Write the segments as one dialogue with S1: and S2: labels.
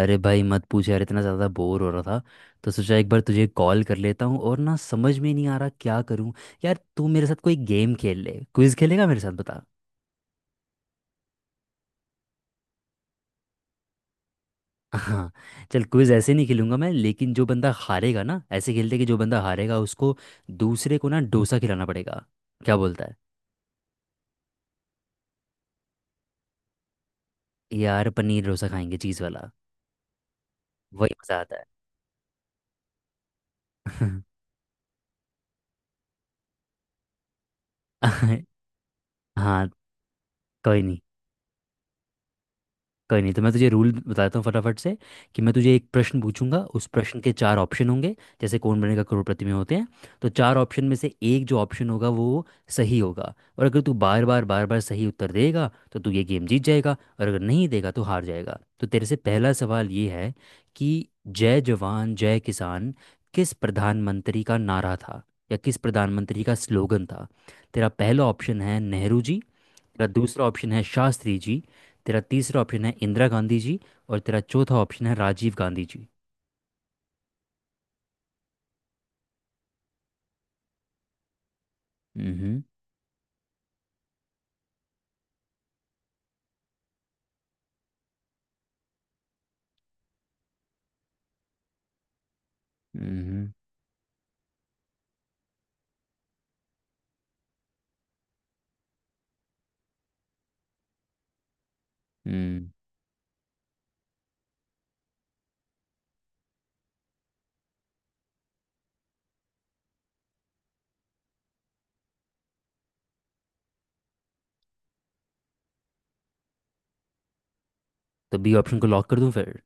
S1: अरे भाई मत पूछ यार, इतना ज़्यादा बोर हो रहा था तो सोचा एक बार तुझे कॉल कर लेता हूँ। और ना, समझ में नहीं आ रहा क्या करूँ। यार तू मेरे साथ कोई गेम खेल ले, क्विज खेलेगा मेरे साथ? बता। हाँ चल, क्विज ऐसे नहीं खेलूंगा मैं, लेकिन जो बंदा हारेगा ना, ऐसे खेलते कि जो बंदा हारेगा उसको दूसरे को ना डोसा खिलाना पड़ेगा। क्या बोलता है? यार पनीर डोसा खाएंगे, चीज़ वाला। वही मज़ा आता है। हाँ। कोई नहीं। कोई नहीं, तो मैं तुझे रूल बताता हूँ फटाफट से कि मैं तुझे एक प्रश्न पूछूंगा, उस प्रश्न के चार ऑप्शन होंगे, जैसे कौन बनेगा करोड़पति में होते हैं। तो चार ऑप्शन में से एक जो ऑप्शन होगा वो सही होगा। और अगर तू बार बार बार बार सही उत्तर देगा तो तू ये गेम जीत जाएगा, और अगर नहीं देगा तो हार जाएगा। तो तेरे से पहला सवाल ये है कि जय जवान जय किसान किस प्रधानमंत्री का नारा था, या किस प्रधानमंत्री का स्लोगन था। तेरा पहला ऑप्शन है नेहरू जी, तेरा दूसरा ऑप्शन है शास्त्री जी, तेरा तीसरा ऑप्शन है इंदिरा गांधी जी, और तेरा चौथा ऑप्शन है राजीव गांधी जी। हम्म। हम्म। हम्म। तो बी ऑप्शन को लॉक कर दूं फिर?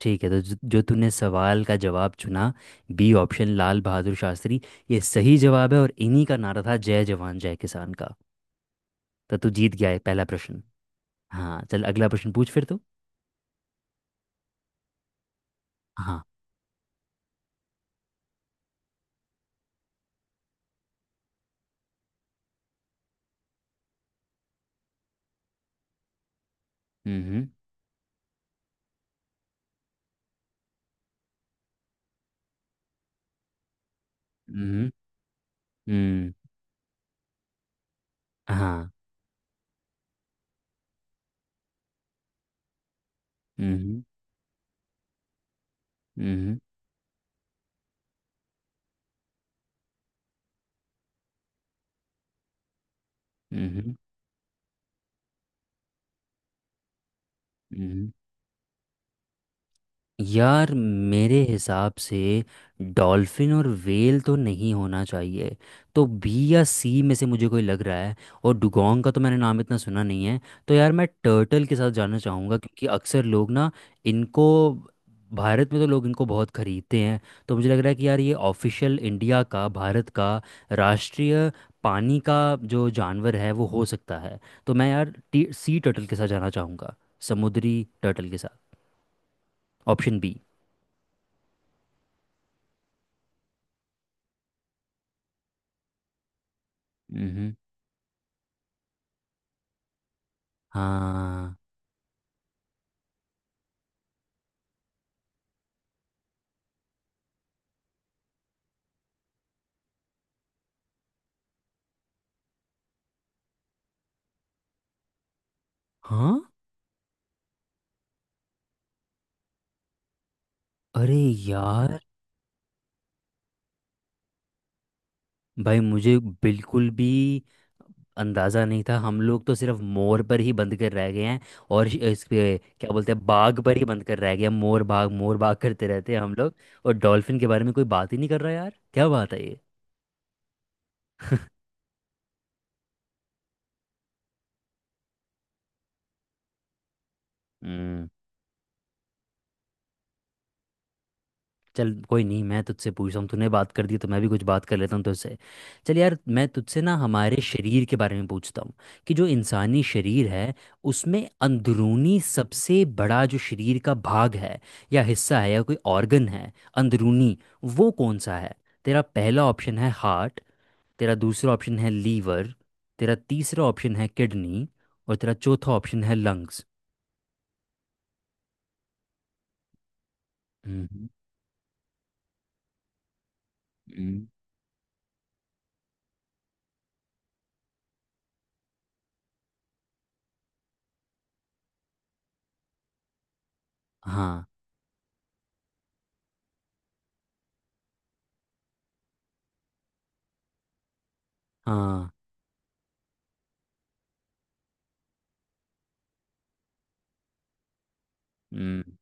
S1: ठीक है, तो जो जो तूने सवाल का जवाब चुना, बी ऑप्शन लाल बहादुर शास्त्री, ये सही जवाब है, और इन्हीं का नारा था जय जवान जय किसान का। तो तू जीत गया है पहला प्रश्न। हाँ चल, अगला प्रश्न पूछ फिर तू। हाँ। हम्म। हम्म। हम्म। हाँ। हम्म। हम्म। हम्म। यार मेरे हिसाब से डॉल्फिन और व्हेल तो नहीं होना चाहिए। तो बी या सी में से मुझे कोई लग रहा है। और डुगोंग का तो मैंने नाम इतना सुना नहीं है। तो यार मैं टर्टल के साथ जाना चाहूँगा, क्योंकि अक्सर लोग ना इनको, भारत में तो लोग इनको बहुत खरीदते हैं। तो मुझे लग रहा है कि यार ये ऑफिशियल इंडिया का, भारत का, राष्ट्रीय पानी का जो जानवर है वो हो सकता है। तो मैं यार सी टर्टल के साथ जाना चाहूँगा, समुद्री टर्टल के साथ, ऑप्शन बी। हाँ। हाँ। अरे यार, भाई मुझे बिल्कुल भी अंदाजा नहीं था। हम लोग तो सिर्फ मोर पर ही बंद कर रह गए हैं, और इस पे क्या बोलते हैं, बाघ पर ही बंद कर रह गए हैं। मोर बाघ करते रहते हैं हम लोग, और डॉल्फिन के बारे में कोई बात ही नहीं कर रहा। यार क्या बात है ये। हम्म। चल कोई नहीं, मैं तुझसे पूछ रहा हूँ, तूने बात कर दी तो मैं भी कुछ बात कर लेता हूँ तुझसे। चल यार, मैं तुझसे ना हमारे शरीर के बारे में पूछता हूँ कि जो इंसानी शरीर है उसमें अंदरूनी सबसे बड़ा जो शरीर का भाग है, या हिस्सा है, या कोई ऑर्गन है, अंदरूनी, वो कौन सा है? तेरा पहला ऑप्शन है हार्ट, तेरा दूसरा ऑप्शन है लीवर, तेरा तीसरा ऑप्शन है किडनी, और तेरा चौथा ऑप्शन है लंग्स। हम्म। हम्म। हाँ। हाँ। हम्म।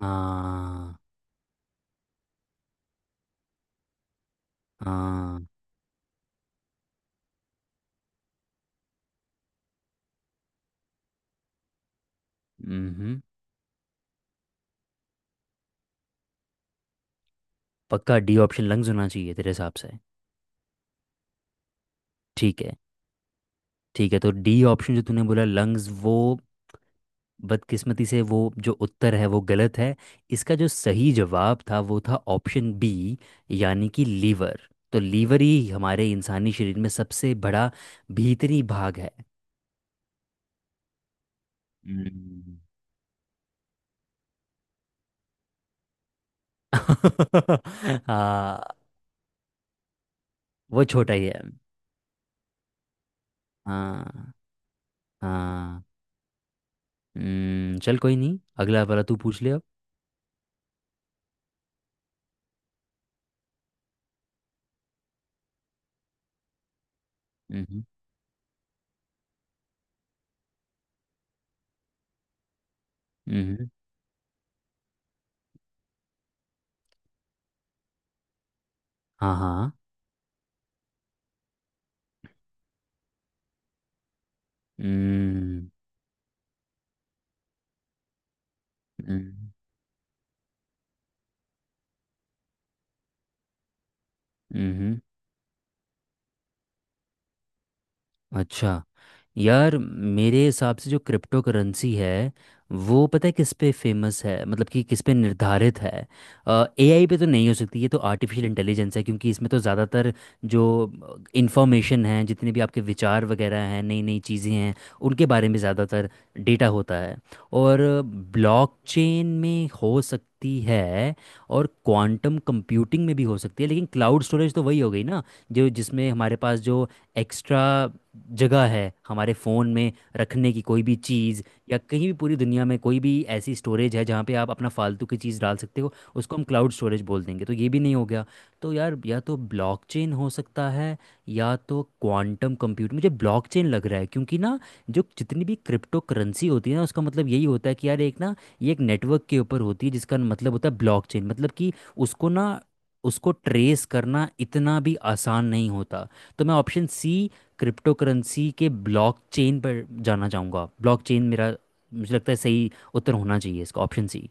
S1: हाँ। हाँ। हम्म। पक्का? डी ऑप्शन लंग्स होना चाहिए तेरे हिसाब से? ठीक है। ठीक है, तो डी ऑप्शन जो तूने बोला लंग्स, वो बदकिस्मती से वो जो उत्तर है वो गलत है। इसका जो सही जवाब था वो था ऑप्शन बी, यानी कि लीवर। तो लीवर ही हमारे इंसानी शरीर में सबसे बड़ा भीतरी भाग है। हम्म। हाँ। वो छोटा ही है। हाँ। हाँ। हम्म। चल कोई नहीं, अगला वाला तू पूछ ले अब। हम्म। हाँ। हाँ। हम्म। हम्म। हम्म। अच्छा। यार मेरे हिसाब से जो क्रिप्टो करेंसी है वो, पता है किस पे फेमस है, मतलब कि किस पे निर्धारित है? एआई पे तो नहीं हो सकती, ये तो आर्टिफिशियल इंटेलिजेंस है, क्योंकि इसमें तो ज़्यादातर जो इंफॉर्मेशन है, जितने भी आपके विचार वगैरह हैं, नई नई चीज़ें हैं, उनके बारे में ज़्यादातर डेटा होता है। और ब्लॉकचेन में हो सकती है, और क्वांटम कंप्यूटिंग में भी हो सकती है, लेकिन क्लाउड स्टोरेज तो वही हो गई ना, जो जिसमें हमारे पास जो एक्स्ट्रा जगह है हमारे फ़ोन में, रखने की कोई भी चीज़, या कहीं भी पूरी दुनिया में कोई भी ऐसी स्टोरेज है जहाँ पे आप अपना फालतू की चीज़ डाल सकते हो उसको हम क्लाउड स्टोरेज बोल देंगे। तो ये भी नहीं हो गया। तो यार या तो ब्लॉकचेन हो सकता है या तो क्वांटम कंप्यूटर। मुझे ब्लॉकचेन लग रहा है, क्योंकि ना जो जितनी भी क्रिप्टो करेंसी होती है ना, उसका मतलब यही होता है कि यार, एक ना, ये एक नेटवर्क के ऊपर होती है, जिसका मतलब होता है ब्लॉकचेन, मतलब कि उसको ना, उसको ट्रेस करना इतना भी आसान नहीं होता। तो मैं ऑप्शन सी, क्रिप्टो करेंसी के ब्लॉकचेन पर जाना चाहूँगा। ब्लॉकचेन मेरा, मुझे लगता है सही उत्तर होना चाहिए इसका, ऑप्शन सी।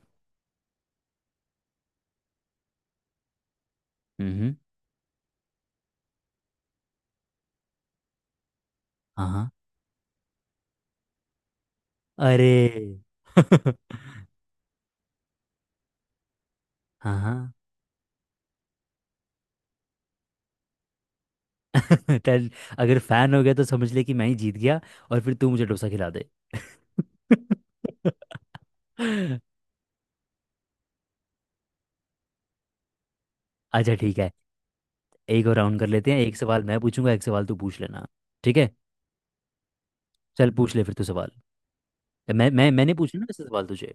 S1: हम्म। हाँ हाँ। अरे। हाँ हाँ। चल, अगर फैन हो गया तो समझ ले कि मैं ही जीत गया, और फिर तू मुझे डोसा खिला दे। अच्छा ठीक है, एक और राउंड कर लेते हैं। एक सवाल मैं पूछूंगा, एक सवाल तू पूछ लेना। ठीक है। चल पूछ ले फिर तू सवाल। मैं मैंने पूछा ना वैसे सवाल तुझे।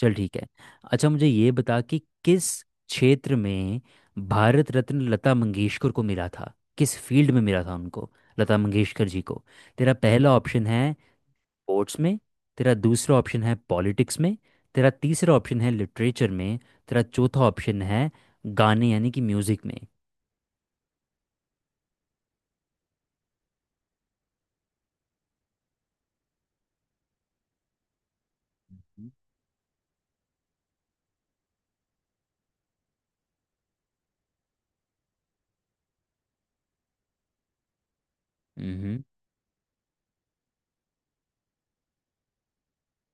S1: चल ठीक है, अच्छा मुझे ये बता कि किस क्षेत्र में भारत रत्न लता मंगेशकर को मिला था, किस फील्ड में मिला था उनको, लता मंगेशकर जी को। तेरा पहला ऑप्शन है स्पोर्ट्स में, तेरा दूसरा ऑप्शन है पॉलिटिक्स में, तेरा तीसरा ऑप्शन है लिटरेचर में, तेरा चौथा ऑप्शन है गाने, यानी कि म्यूजिक में। हम्म।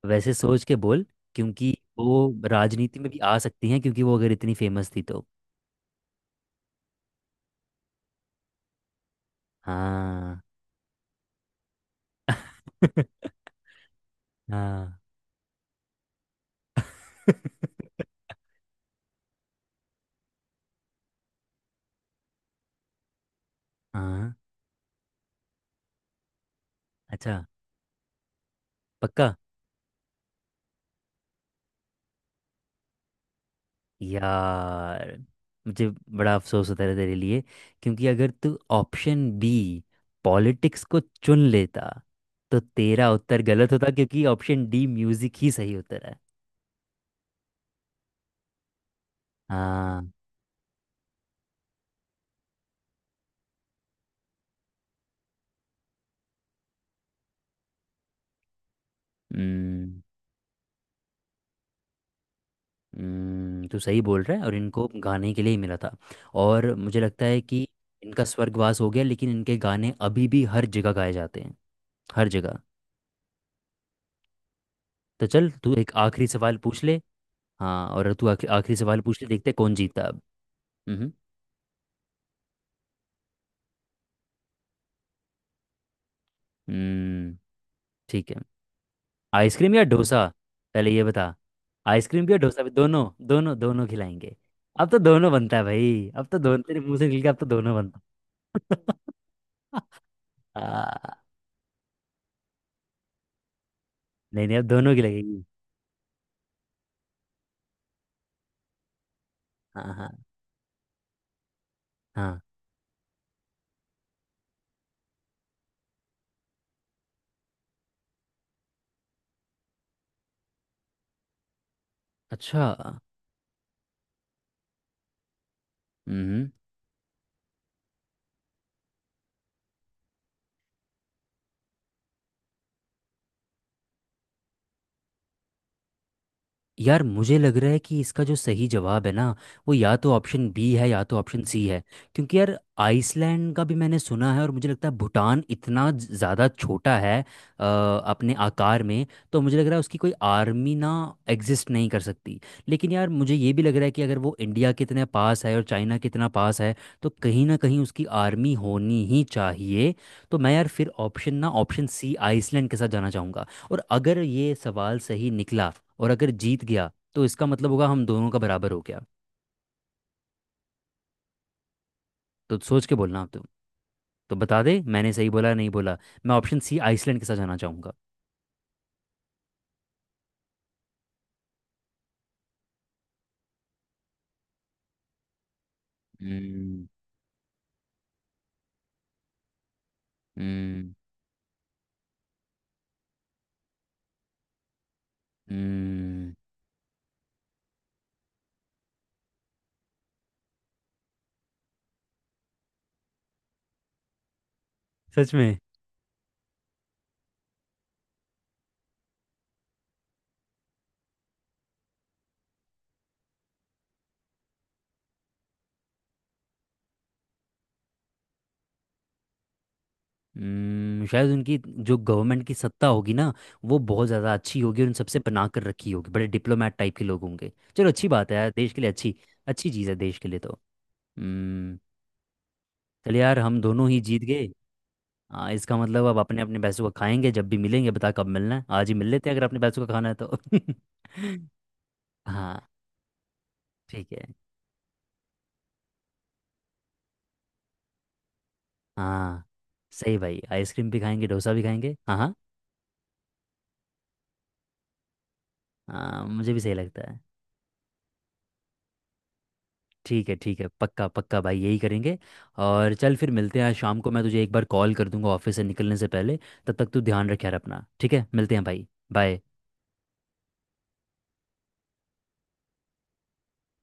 S1: वैसे सोच के बोल, क्योंकि वो राजनीति में भी आ सकती हैं, क्योंकि वो अगर इतनी फेमस थी तो। हाँ। हाँ। हाँ। अच्छा। पक्का? यार मुझे बड़ा अफसोस होता है तेरे लिए, क्योंकि अगर तू ऑप्शन बी पॉलिटिक्स को चुन लेता तो तेरा उत्तर गलत होता, क्योंकि ऑप्शन डी म्यूजिक ही सही उत्तर है। हाँ। हम्म। तू सही बोल रहा है, और इनको गाने के लिए ही मिला था। और मुझे लगता है कि इनका स्वर्गवास हो गया, लेकिन इनके गाने अभी भी हर जगह गाए जाते हैं, हर जगह। तो चल तू एक आखिरी सवाल पूछ ले। हाँ, और तू आखिरी आखिरी सवाल पूछ ले, देखते हैं कौन जीता। हम्म। हम्म। ठीक है। आइसक्रीम या डोसा, पहले ये बता। आइसक्रीम या डोसा भी, दोनों दोनों दोनों खिलाएंगे। अब तो दोनों बनता है भाई, अब तो दोनों तेरे मुंह से निकल के अब तो दोनों बनता है। आ, नहीं नहीं, अब दोनों की लगेगी। हाँ। हाँ। हाँ। अच्छा। हम्म। यार मुझे लग रहा है कि इसका जो सही जवाब है ना, वो या तो ऑप्शन बी है या तो ऑप्शन सी है। क्योंकि यार आइसलैंड का भी मैंने सुना है, और मुझे लगता है भूटान इतना ज़्यादा छोटा है, अपने आकार में। तो मुझे लग रहा है उसकी कोई आर्मी ना एग्जिस्ट नहीं कर सकती। लेकिन यार मुझे ये भी लग रहा है कि अगर वो इंडिया कितने पास है और चाइना कितना पास है, तो कहीं ना कहीं उसकी आर्मी होनी ही चाहिए। तो मैं यार फिर ऑप्शन सी आइसलैंड के साथ जाना चाहूँगा। और अगर ये सवाल सही निकला और अगर जीत गया, तो इसका मतलब होगा हम दोनों का बराबर हो गया। तो सोच के बोलना आप, तुम। तो बता दे मैंने सही बोला नहीं बोला। मैं ऑप्शन सी आइसलैंड के साथ जाना चाहूँगा। हम्म। हम्म। हम्म। सच में? हम्म, शायद उनकी जो गवर्नमेंट की सत्ता होगी ना, वो बहुत ज़्यादा अच्छी होगी और उन सबसे पनाह कर रखी होगी। बड़े डिप्लोमेट टाइप के लोग होंगे। चलो अच्छी बात है यार, देश के लिए अच्छी, अच्छी चीज़ है देश के लिए तो। हम्म। चल यार, हम दोनों ही जीत गए। हाँ, इसका मतलब अब अपने अपने पैसों का खाएंगे। जब भी मिलेंगे बता कब मिलना है, आज ही मिल लेते हैं अगर अपने पैसों का खाना है तो। हाँ। ठीक है। हाँ सही भाई, आइसक्रीम भी खाएंगे डोसा भी खाएंगे। हाँ हाँ। हाँ, मुझे भी सही लगता है। ठीक है ठीक है, पक्का पक्का भाई, यही करेंगे। और चल फिर मिलते हैं आज शाम को। मैं तुझे एक बार कॉल कर दूंगा ऑफिस से निकलने से पहले। तब तक तू ध्यान रखे यार अपना। ठीक है, मिलते हैं भाई। बाय।